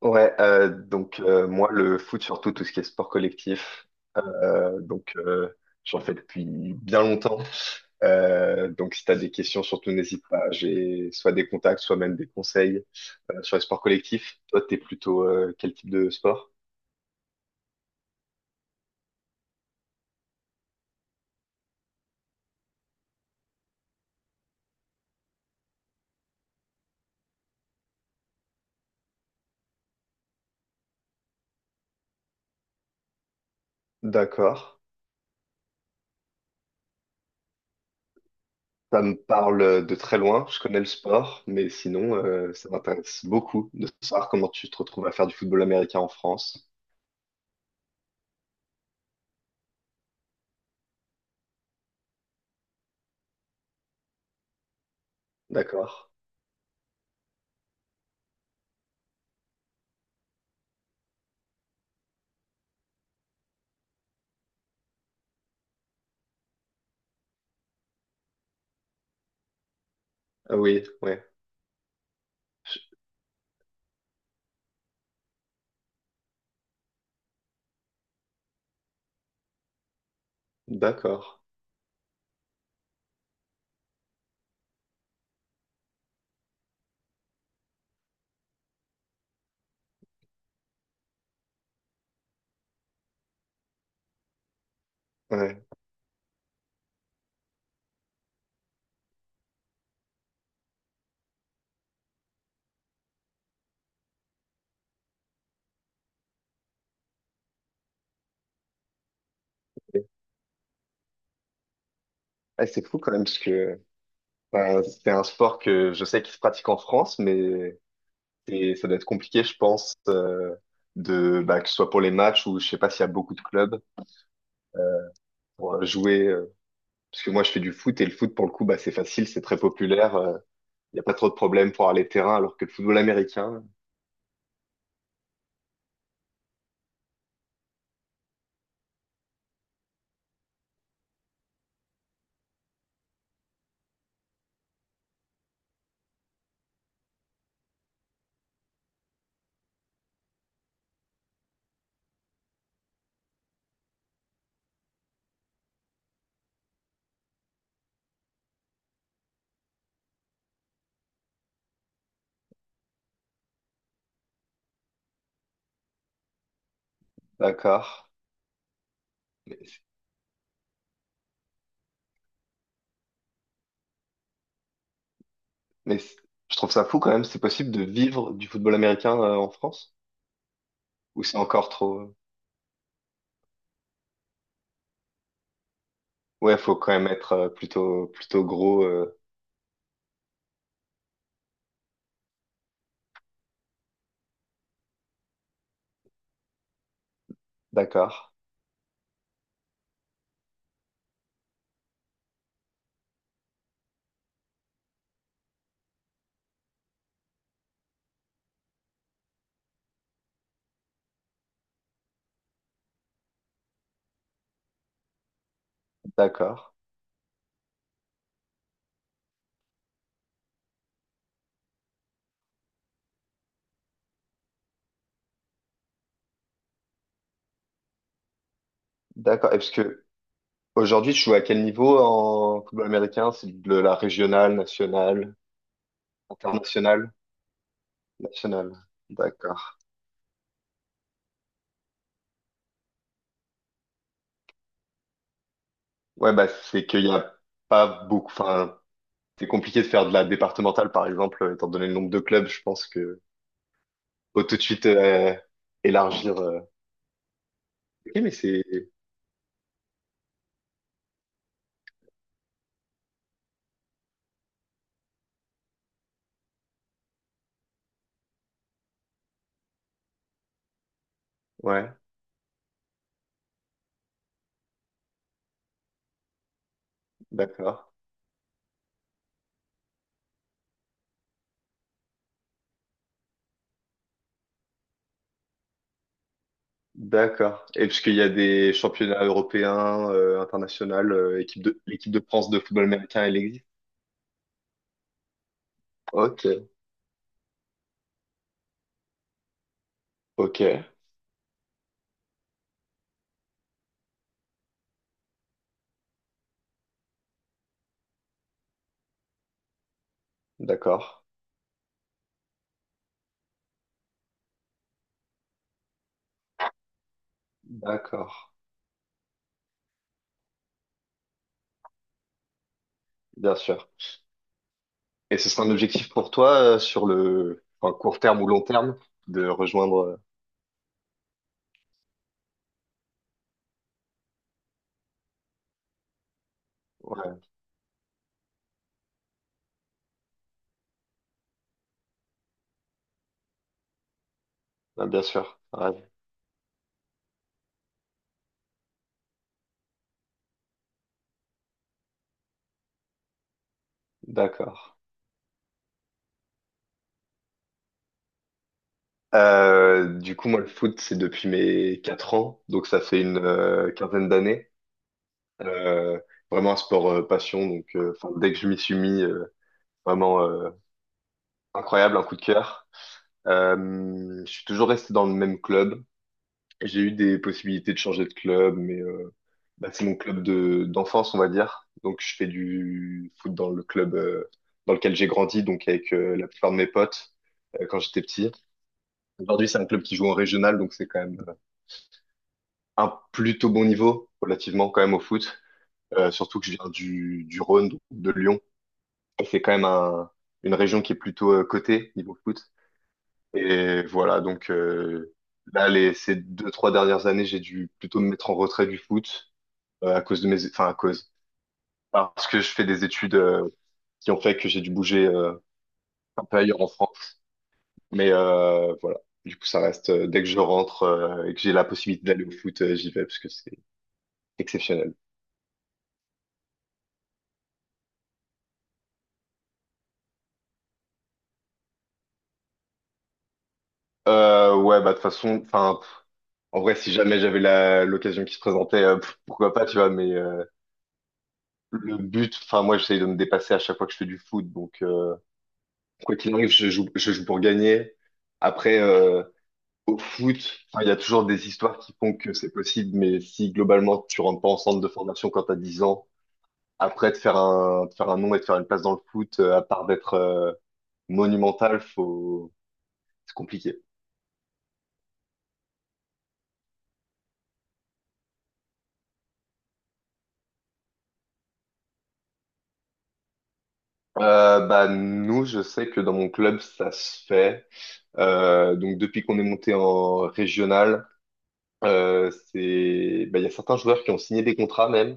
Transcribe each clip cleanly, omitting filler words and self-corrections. Ouais, moi le foot, surtout tout ce qui est sport collectif. euh, donc euh, J'en fais depuis bien longtemps. Donc si t'as des questions surtout n'hésite pas, j'ai soit des contacts, soit même des conseils sur les sports collectifs. Toi t'es plutôt quel type de sport? D'accord, ça me parle de très loin. Je connais le sport, mais sinon ça m'intéresse beaucoup de savoir comment tu te retrouves à faire du football américain en France. D'accord. Ah oui, ouais. Je- D'accord. Ouais. Ah, c'est fou quand même, parce que enfin, c'est un sport que je sais qu'il se pratique en France, mais ça doit être compliqué, je pense, de, bah, que ce soit pour les matchs ou je sais pas s'il y a beaucoup de clubs euh, pour jouer. Parce que moi, je fais du foot et le foot, pour le coup, bah, c'est facile, c'est très populaire. Il n'y a pas trop de problèmes pour aller terrain, alors que le football américain, d'accord. Mais, c'est- mais c'est- je trouve ça fou quand même, c'est possible de vivre du football américain en France? Ou c'est encore trop... Ouais, faut quand même être plutôt, plutôt gros. D'accord, d'accord. D'accord. Et parce que aujourd'hui, tu joues à quel niveau en football américain? C'est de la régionale, nationale, internationale, nationale. D'accord. Ouais, bah c'est qu'il y a pas beaucoup. Enfin, c'est compliqué de faire de la départementale, par exemple, étant donné le nombre de clubs. Je pense que faut tout de suite élargir. Ok, mais c'est ouais, d'accord, d'accord. Et parce qu'il y a des championnats européens, internationaux, équipe de l'équipe de France de football américain, elle existe. Ok, ok, d'accord, d'accord. Bien sûr. Et ce sera un objectif pour toi sur le enfin, court terme ou long terme de rejoindre. Ouais, ah, bien sûr. Ouais, d'accord. Du coup, moi, le foot, c'est depuis mes 4 ans, donc ça fait une quinzaine d'années. Euh, vraiment un sport passion, donc enfin, dès que je m'y suis mis, vraiment incroyable, un coup de cœur. Je suis toujours resté dans le même club. J'ai eu des possibilités de changer de club, mais bah, c'est mon club de d'enfance, on va dire. Donc je fais du foot dans le club dans lequel j'ai grandi, donc avec la plupart de mes potes quand j'étais petit. Aujourd'hui, c'est un club qui joue en régional, donc c'est quand même un plutôt bon niveau relativement quand même au foot. Surtout que je viens du Rhône, donc de Lyon. Et c'est une région qui est plutôt cotée niveau foot. Et voilà, donc là, les, ces deux, trois dernières années, j'ai dû plutôt me mettre en retrait du foot à cause de mes, enfin à cause, parce que je fais des études qui ont fait que j'ai dû bouger un peu ailleurs en France. Mais voilà, du coup ça reste, dès que je rentre et que j'ai la possibilité d'aller au foot, j'y vais parce que c'est exceptionnel. Ouais, bah de toute façon, enfin pff, en vrai si jamais j'avais la l'occasion qui se présentait, pff, pourquoi pas, tu vois. Mais le but, enfin moi j'essaye de me dépasser à chaque fois que je fais du foot, donc quoi qu'il arrive, je joue pour gagner. Après, euh, Au foot, enfin, il y a toujours des histoires qui font que c'est possible, mais si globalement tu rentres pas en centre de formation quand t'as 10 ans, après de faire de faire un nom et de faire une place dans le foot, à part d'être monumental, faut... c'est compliqué. Bah, nous, je sais que dans mon club, ça se fait. Donc depuis qu'on est monté en régional, c'est, bah, il y a certains joueurs qui ont signé des contrats même.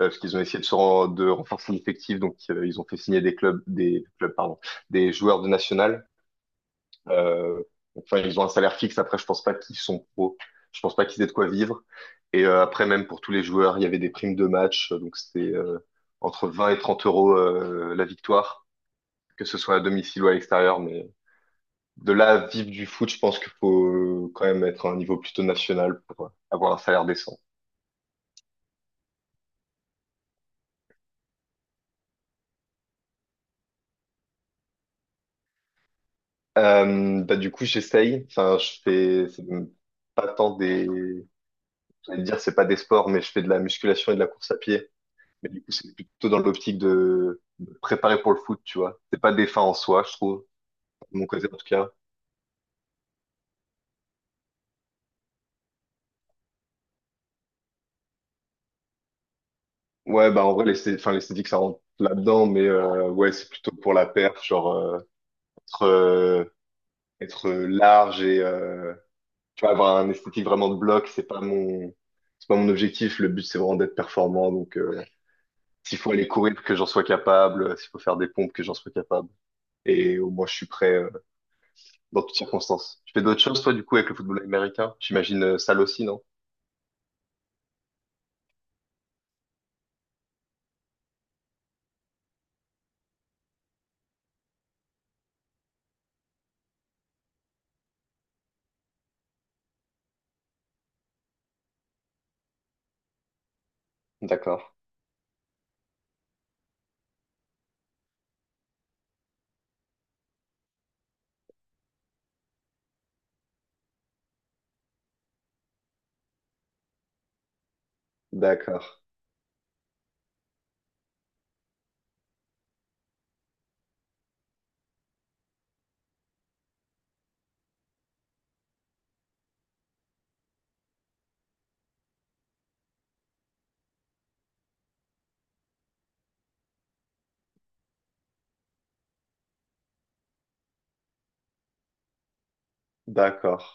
Parce qu'ils ont essayé de de renforcer l'effectif, donc ils ont fait signer des clubs, pardon, des joueurs de national. Euh, enfin, ils ont un salaire fixe. Après, je pense pas qu'ils sont pro. Je pense pas qu'ils aient de quoi vivre. Après, même pour tous les joueurs, il y avait des primes de match. Donc, c'était entre 20 et 30 euros la victoire, que ce soit à domicile ou à l'extérieur. Mais de là à vivre du foot, je pense qu'il faut quand même être à un niveau plutôt national pour avoir un salaire décent. Bah, du coup, j'essaye. Enfin, je fais c'est pas tant des. J'allais dire, c'est pas des sports, mais je fais de la musculation et de la course à pied. Mais du coup, c'est plutôt dans l'optique de préparer pour le foot, tu vois. C'est pas des fins en soi, je trouve, de mon côté en tout cas. Ouais, bah en vrai, enfin, l'esthétique, ça rentre là-dedans, mais ouais, c'est plutôt pour la perf, genre être, être large et tu vois, avoir un esthétique vraiment de bloc, c'est pas mon objectif. Le but, c'est vraiment d'être performant. Donc, s'il faut aller courir, que j'en sois capable, s'il faut faire des pompes, que j'en sois capable. Et au moins, je suis prêt dans toutes circonstances. Tu fais d'autres choses, toi, du coup, avec le football américain? J'imagine salle aussi, non? D'accord, d'accord, d'accord.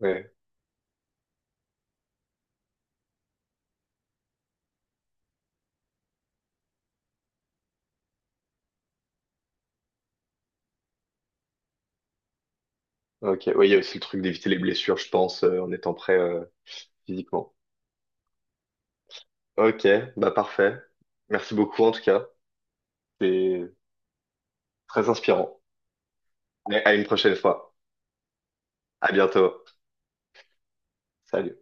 Ouais, ok. Oui, il y a aussi le truc d'éviter les blessures, je pense, en étant prêt physiquement. Ok, bah parfait. Merci beaucoup en tout cas. C'est très inspirant. Mais à une prochaine fois. À bientôt. Salut.